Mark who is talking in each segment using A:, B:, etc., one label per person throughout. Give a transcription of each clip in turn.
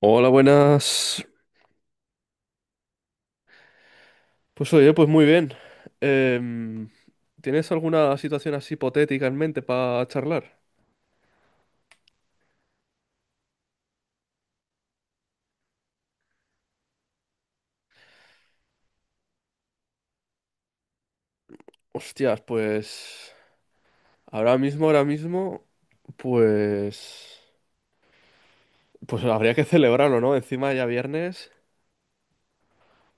A: Hola, buenas. Pues oye, pues muy bien. Em, ¿Tienes alguna situación así hipotética en mente para charlar? Hostias, pues ahora mismo, pues, pues habría que celebrarlo, ¿no? Encima ya viernes,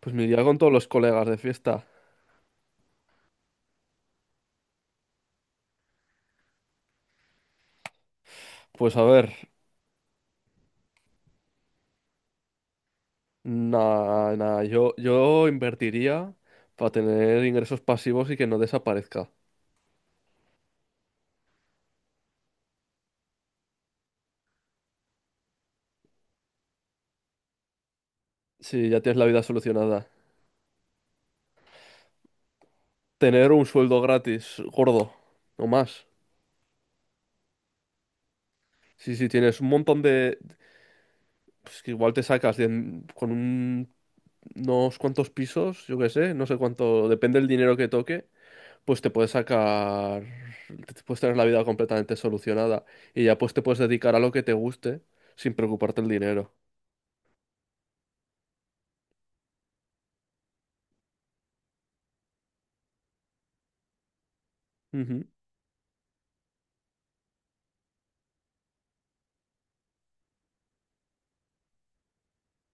A: pues me iría con todos los colegas de fiesta. Pues a ver, nada, nada, yo invertiría para tener ingresos pasivos y que no desaparezca. Si ya tienes la vida solucionada. Tener un sueldo gratis, gordo, o más. Sí, sí, tienes un montón de... Pues que igual te sacas con un- unos cuantos pisos, yo qué sé, no sé cuánto, depende del dinero que toque, pues te puedes sacar, te puedes tener la vida completamente solucionada y ya pues te puedes dedicar a lo que te guste sin preocuparte el dinero. Ujú,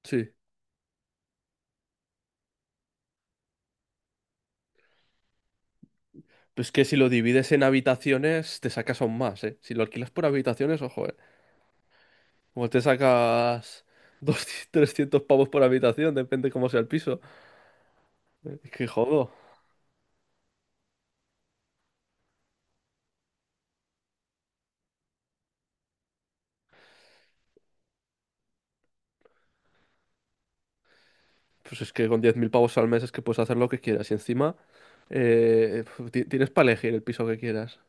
A: sí. Pues que si lo divides en habitaciones, te sacas aún más, ¿eh? Si lo alquilas por habitaciones, ojo, ¿eh? Igual te sacas 200, 300 pavos por habitación, depende cómo sea el piso. Que jodo. Pues es que con 10.000 pavos al mes es que puedes hacer lo que quieras. Y encima eh, tienes para elegir el piso que quieras.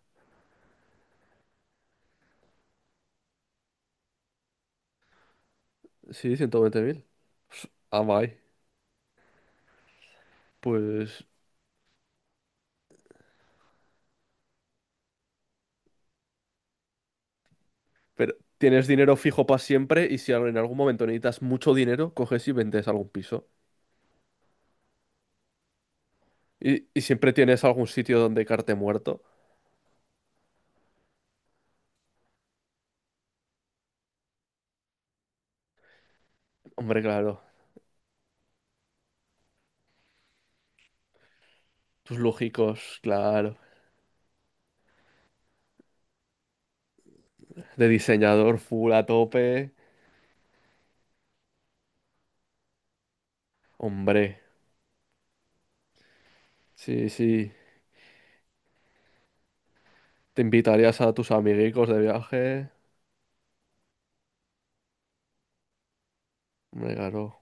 A: Sí, 120.000. Pues, ah, vai. Pues... Pero tienes dinero fijo para siempre y si en algún momento necesitas mucho dinero, coges y vendes algún piso. Y siempre tienes algún sitio donde carte muerto. Hombre, claro. Tus lógicos, claro. De diseñador full a tope. Hombre. Sí, sí. Te invitarías a tus amiguitos de viaje. Hombre, claro.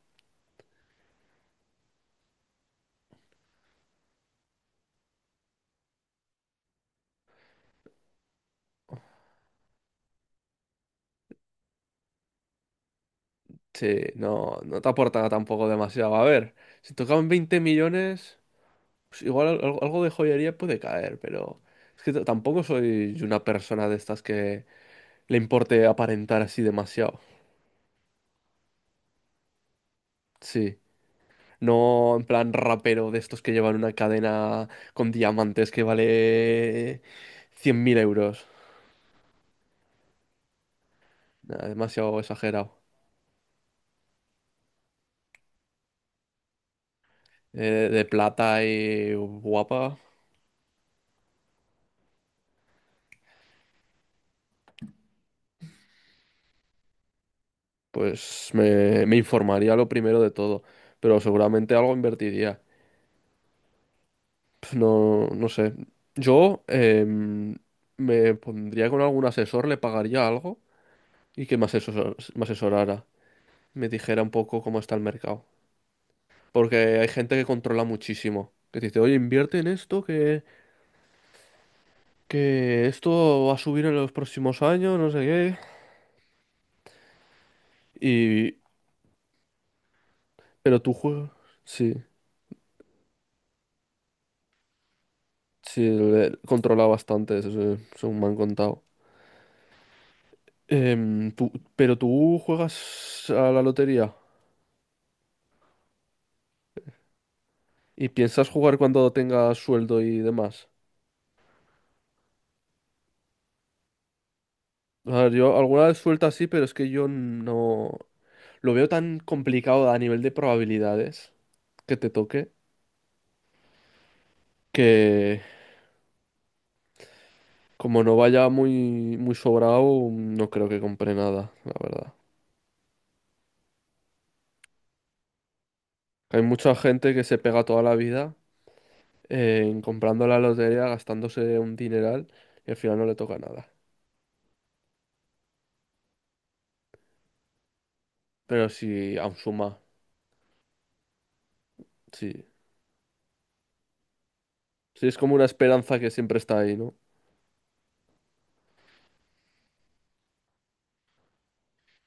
A: Sí, no, no te aporta tampoco demasiado. A ver, si tocaban 20 millones, pues igual algo de joyería puede caer, pero es que tampoco soy una persona de estas que le importe aparentar así demasiado. Sí, no en plan rapero de estos que llevan una cadena con diamantes que vale 100.000 euros. Nada, demasiado exagerado. De plata y guapa, pues me informaría lo primero de todo, pero seguramente algo invertiría. No, no sé. Yo me pondría con algún asesor, le pagaría algo y que me asesorara, me dijera un poco cómo está el mercado. Porque hay gente que controla muchísimo, que te dice, oye, invierte en esto, que esto va a subir en los próximos años, no sé qué. Y, pero tú juegas, sí, sí, controla bastante, eso, sí, me han contado. Pero tú juegas a la lotería. ¿Y piensas jugar cuando tengas sueldo y demás? A ver, yo alguna vez suelta sí, pero es que yo no... Lo veo tan complicado a nivel de probabilidades que te toque, que como no vaya muy, muy sobrado, no creo que compre nada, la verdad. Hay mucha gente que se pega toda la vida en comprando la lotería, gastándose un dineral y al final no le toca nada. Pero si aún suma, sí. Sí, es como una esperanza que siempre está ahí, ¿no?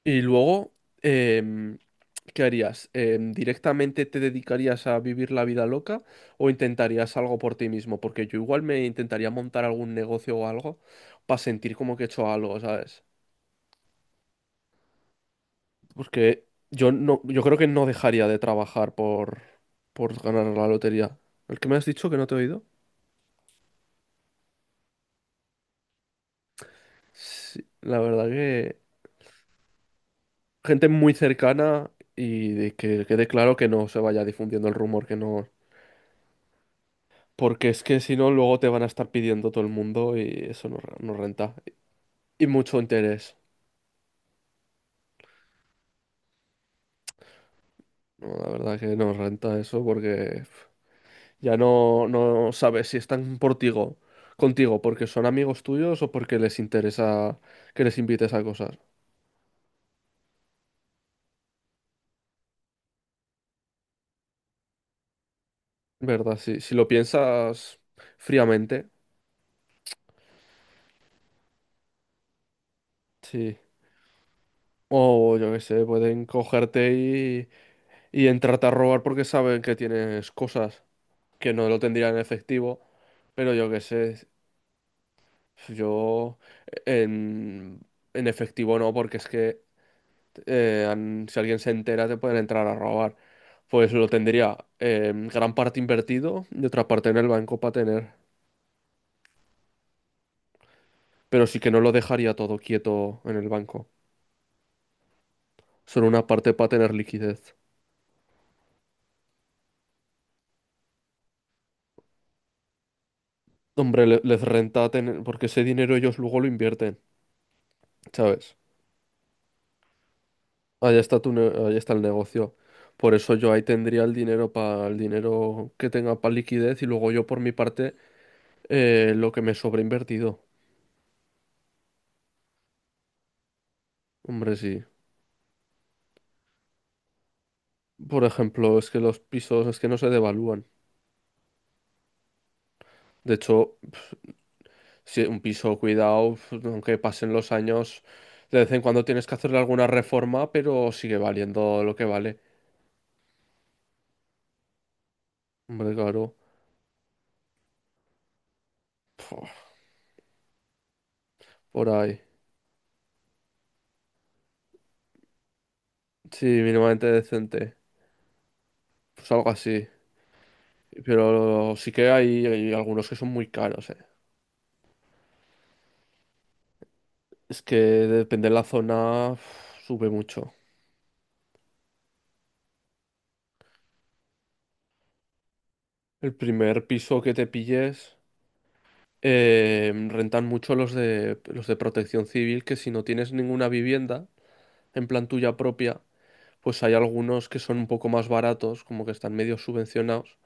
A: Y luego... em, ¿qué harías? ¿Directamente te dedicarías a vivir la vida loca o intentarías algo por ti mismo? Porque yo igual me intentaría montar algún negocio o algo para sentir como que he hecho algo, ¿sabes? Porque yo no, yo creo que no dejaría de trabajar por ganar la lotería. ¿El que me has dicho que no te he oído? Sí, la verdad que gente muy cercana y de que quede claro que no se vaya difundiendo el rumor que no. Porque es que si no, luego te van a estar pidiendo todo el mundo y eso no, no renta. Y mucho interés. No, la verdad que no renta eso porque ya no, no sabes si están contigo porque son amigos tuyos o porque les interesa que les invites a cosas. ¿Verdad? Si, si lo piensas fríamente, sí. O yo qué sé, pueden cogerte y entrarte a robar porque saben que tienes cosas que no lo tendrían en efectivo. Pero yo qué sé, yo en, en efectivo no, porque es que si alguien se entera, te pueden entrar a robar. Pues lo tendría gran parte invertido y otra parte en el banco para tener. Pero sí que no lo dejaría todo quieto en el banco. Solo una parte para tener liquidez. Hombre, les renta tener, porque ese dinero ellos luego lo invierten, ¿sabes? Allá está ahí está el negocio. Por eso yo ahí tendría el dinero para el dinero que tenga para liquidez y luego yo por mi parte lo que me sobra invertido. Hombre, sí. Por ejemplo, es que los pisos es que no se devalúan. De hecho, si un piso cuidado, aunque pasen los años, de vez en cuando tienes que hacerle alguna reforma, pero sigue valiendo lo que vale. Hombre, claro. Puf, por ahí. Sí, mínimamente decente. Pues algo así. Pero sí que hay algunos que son muy caros, eh. Es que depende de la zona, uf, sube mucho. El primer piso que te pilles. Rentan mucho los de protección civil, que si no tienes ninguna vivienda, en plan tuya propia, pues hay algunos que son un poco más baratos, como que están medio subvencionados,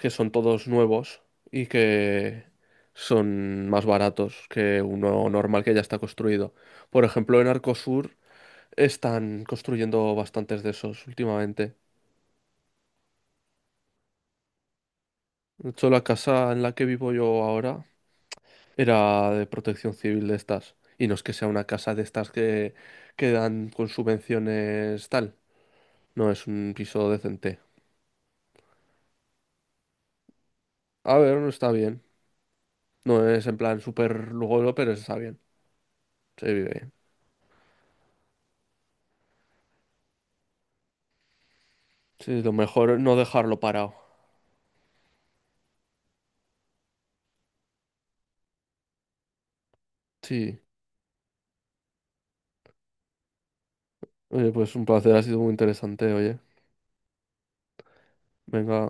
A: que son todos nuevos y que son más baratos que uno normal que ya está construido. Por ejemplo, en Arcosur están construyendo bastantes de esos últimamente. De hecho, la casa en la que vivo yo ahora era de protección civil de estas. Y no es que sea una casa de estas que dan con subvenciones tal. No, es un piso decente. A ver, no está bien. No es en plan súper lujoso, pero está bien. Se vive bien. Sí, lo mejor es no dejarlo parado. Sí. Oye, pues un placer, ha sido muy interesante, oye. Venga.